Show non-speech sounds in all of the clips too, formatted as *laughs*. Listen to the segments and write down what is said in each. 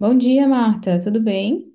Bom dia, Marta. Tudo bem?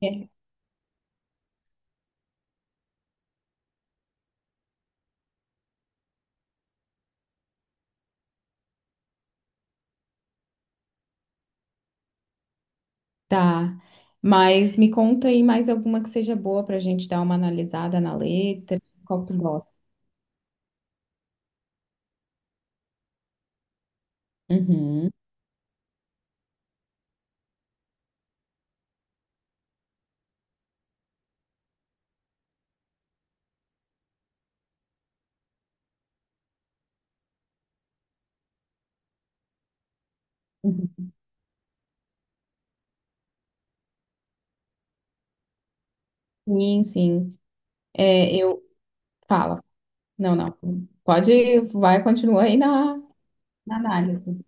É. Tá. Mas me conta aí mais alguma que seja boa para a gente dar uma analisada na letra. Qual que tu gosta? Uhum. Uhum. Sim, sim. É, eu... Fala. Não, não. Pode... Vai, continua na análise.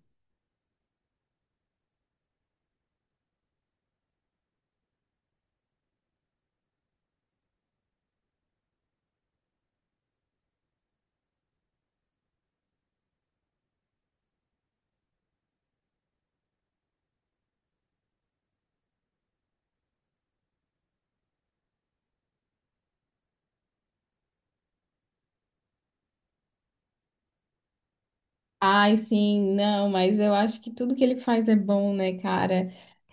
Ai, sim. Não, mas eu acho que tudo que ele faz é bom, né, cara?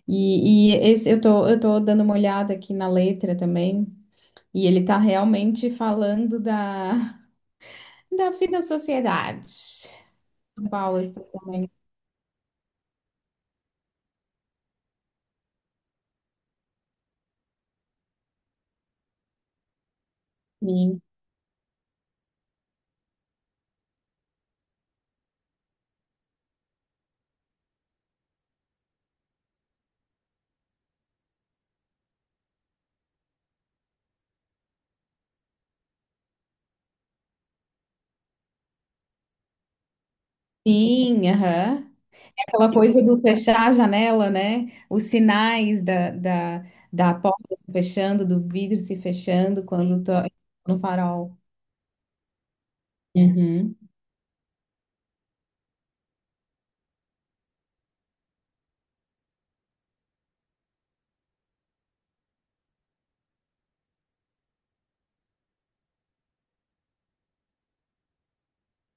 E esse, eu tô dando uma olhada aqui na letra também. E ele tá realmente falando da... Da vida à sociedade. São Paulo, especialmente. Sim, sim, aham. É aquela coisa do fechar a janela, né? Os sinais da porta se fechando, do vidro se fechando quando tô no farol. Uhum.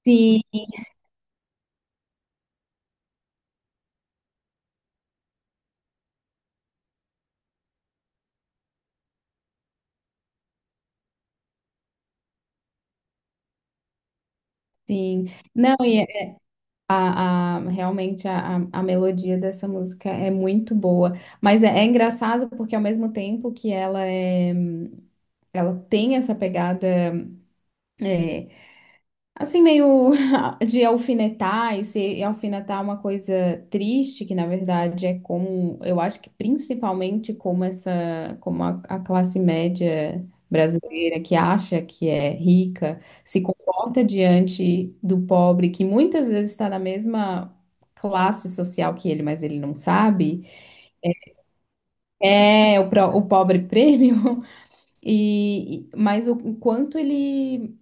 Sim, sim. Não, e é- realmente a melodia dessa música é muito boa. Mas é, é engraçado porque ao mesmo tempo que ela tem essa pegada. é, Assim, meio *laughs* de alfinetar e se alfinetar é uma coisa triste, que na verdade é como, eu acho que principalmente como essa, como a classe média brasileira que acha que é rica, se comporta diante do pobre, que muitas vezes está na mesma classe social que ele, mas ele não sabe, é o pobre prêmio, *laughs* mas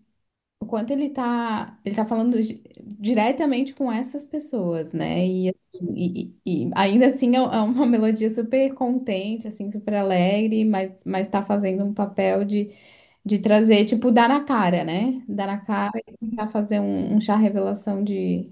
o quanto ele tá falando diretamente com essas pessoas, né? E, assim, e ainda assim é uma *laughs* melodia super contente, assim, super alegre, mas tá fazendo um papel de trazer, tipo, dar na cara, né? Dar na cara e tentar fazer um chá revelação de.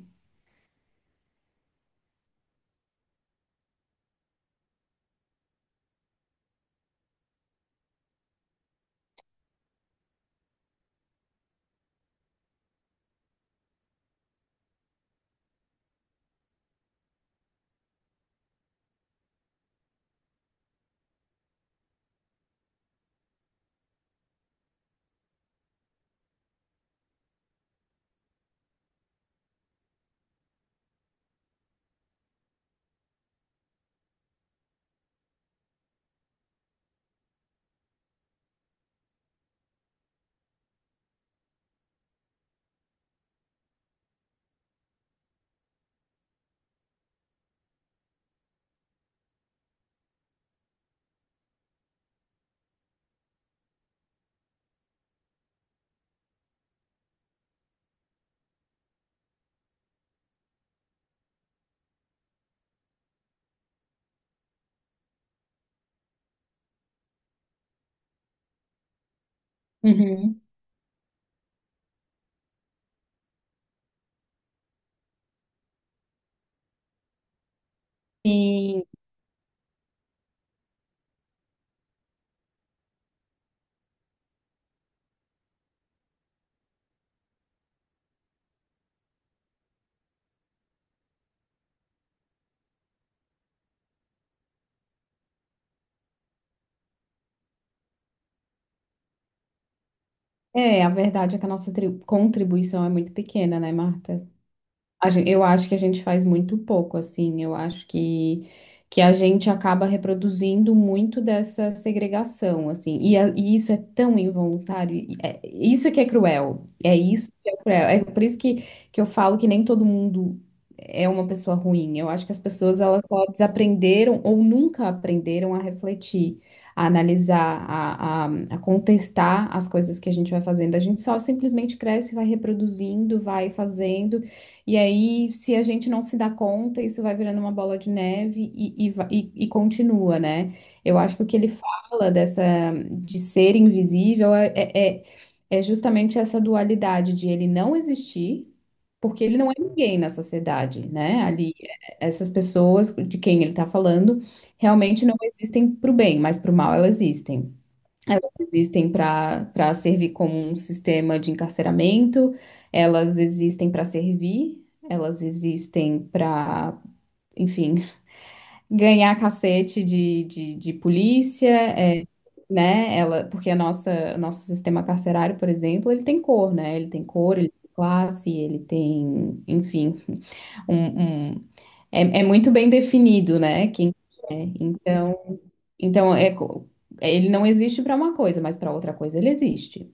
Uhum. Sim. É, a verdade é que a nossa contribuição é muito pequena, né, Marta? Eu acho que a gente faz muito pouco, assim. Que a gente acaba reproduzindo muito dessa segregação, assim. E, e isso é tão involuntário. Isso é que é cruel. É isso que é cruel. É por isso que eu falo que nem todo mundo é uma pessoa ruim. Eu acho que as pessoas elas só desaprenderam ou nunca aprenderam a refletir, a analisar, a contestar as coisas que a gente vai fazendo. A gente só simplesmente cresce, vai reproduzindo, vai fazendo. E aí, se a gente não se dá conta, isso vai virando uma bola de neve e continua, né? Eu acho que o que ele fala dessa de ser invisível é é justamente essa dualidade de ele não existir, porque ele não é ninguém na sociedade, né? Ali, essas pessoas de quem ele está falando realmente não existem para o bem, mas para o mal elas existem. Elas existem para para servir como um sistema de encarceramento, elas existem para servir, elas existem para, enfim, ganhar cacete de polícia, né? Ela, porque nosso sistema carcerário, por exemplo, ele tem cor, né? Ele tem cor, ele tem classe, ele tem, enfim, um, um- é, é muito bem definido, né? Quem é. Então, então é, co- ele não existe para uma coisa, mas para outra coisa ele existe.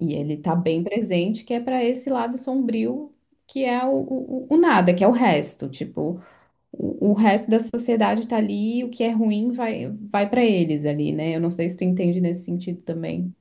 E ele tá bem presente, que é para esse lado sombrio, que é o nada, que é o resto. Tipo, o resto da sociedade está ali, e o que é ruim vai para eles ali, né? Eu não sei se tu entende nesse sentido também.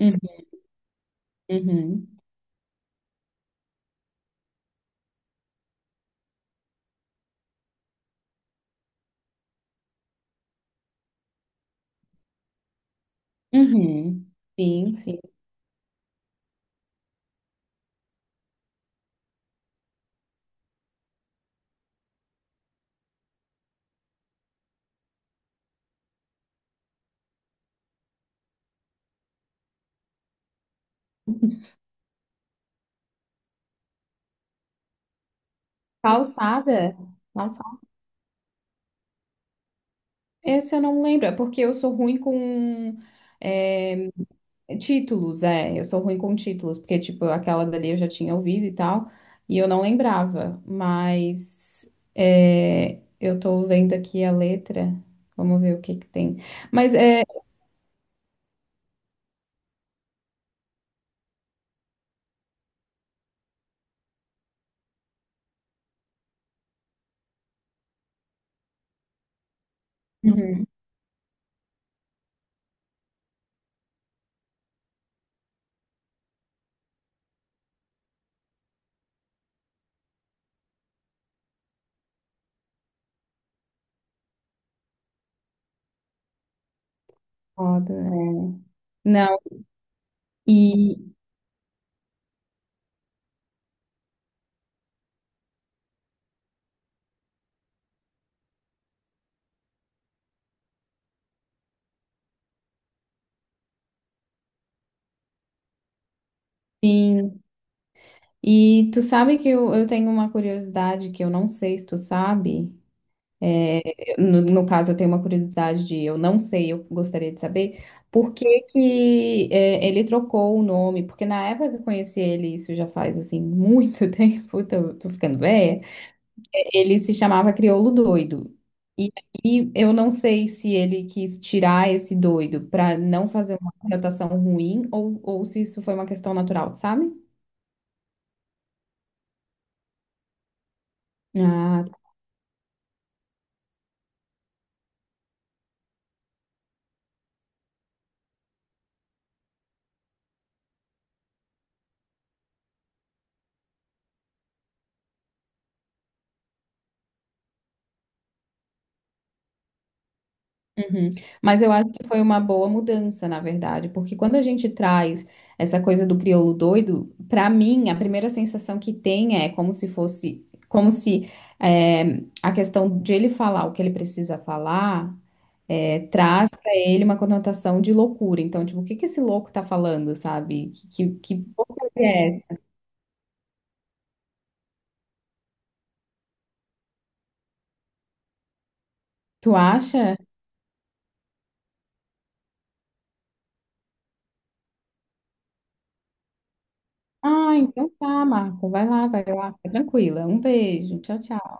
Uhum, uhum, uhum. Sim, sim. Calçada? Calçada? Esse eu não lembro, é porque eu sou ruim com é, títulos, é, eu sou ruim com títulos, porque, tipo, aquela dali eu já tinha ouvido e tal, e eu não lembrava, mas é, eu tô vendo aqui a letra, vamos ver o que que tem. Mas é. Uhum. Foda, é. Não, e sim, e tu sabe que eu tenho uma curiosidade que eu não sei se tu sabe. No caso, eu tenho uma curiosidade de, eu não sei, eu gostaria de saber por que que é, ele trocou o nome, porque na época que eu conheci ele, isso já faz assim muito *laughs* tempo, tô ficando velha, ele se chamava Crioulo Doido. E aí eu não sei se ele quis tirar esse doido para não fazer uma conotação ruim ou se isso foi uma questão natural, sabe? Ah, uhum. Mas eu acho que foi uma boa mudança, na verdade, porque quando a gente traz essa coisa do crioulo doido, para mim, a primeira sensação que tem é como se fosse, como se a questão de ele falar o que ele precisa falar traz para ele uma conotação de loucura. Então, tipo, o que que esse louco tá falando, sabe? Que porcaria é? Essa? Tu acha? Ah, então tá, Marta, vai lá, fica tranquila. Um beijo, tchau, tchau.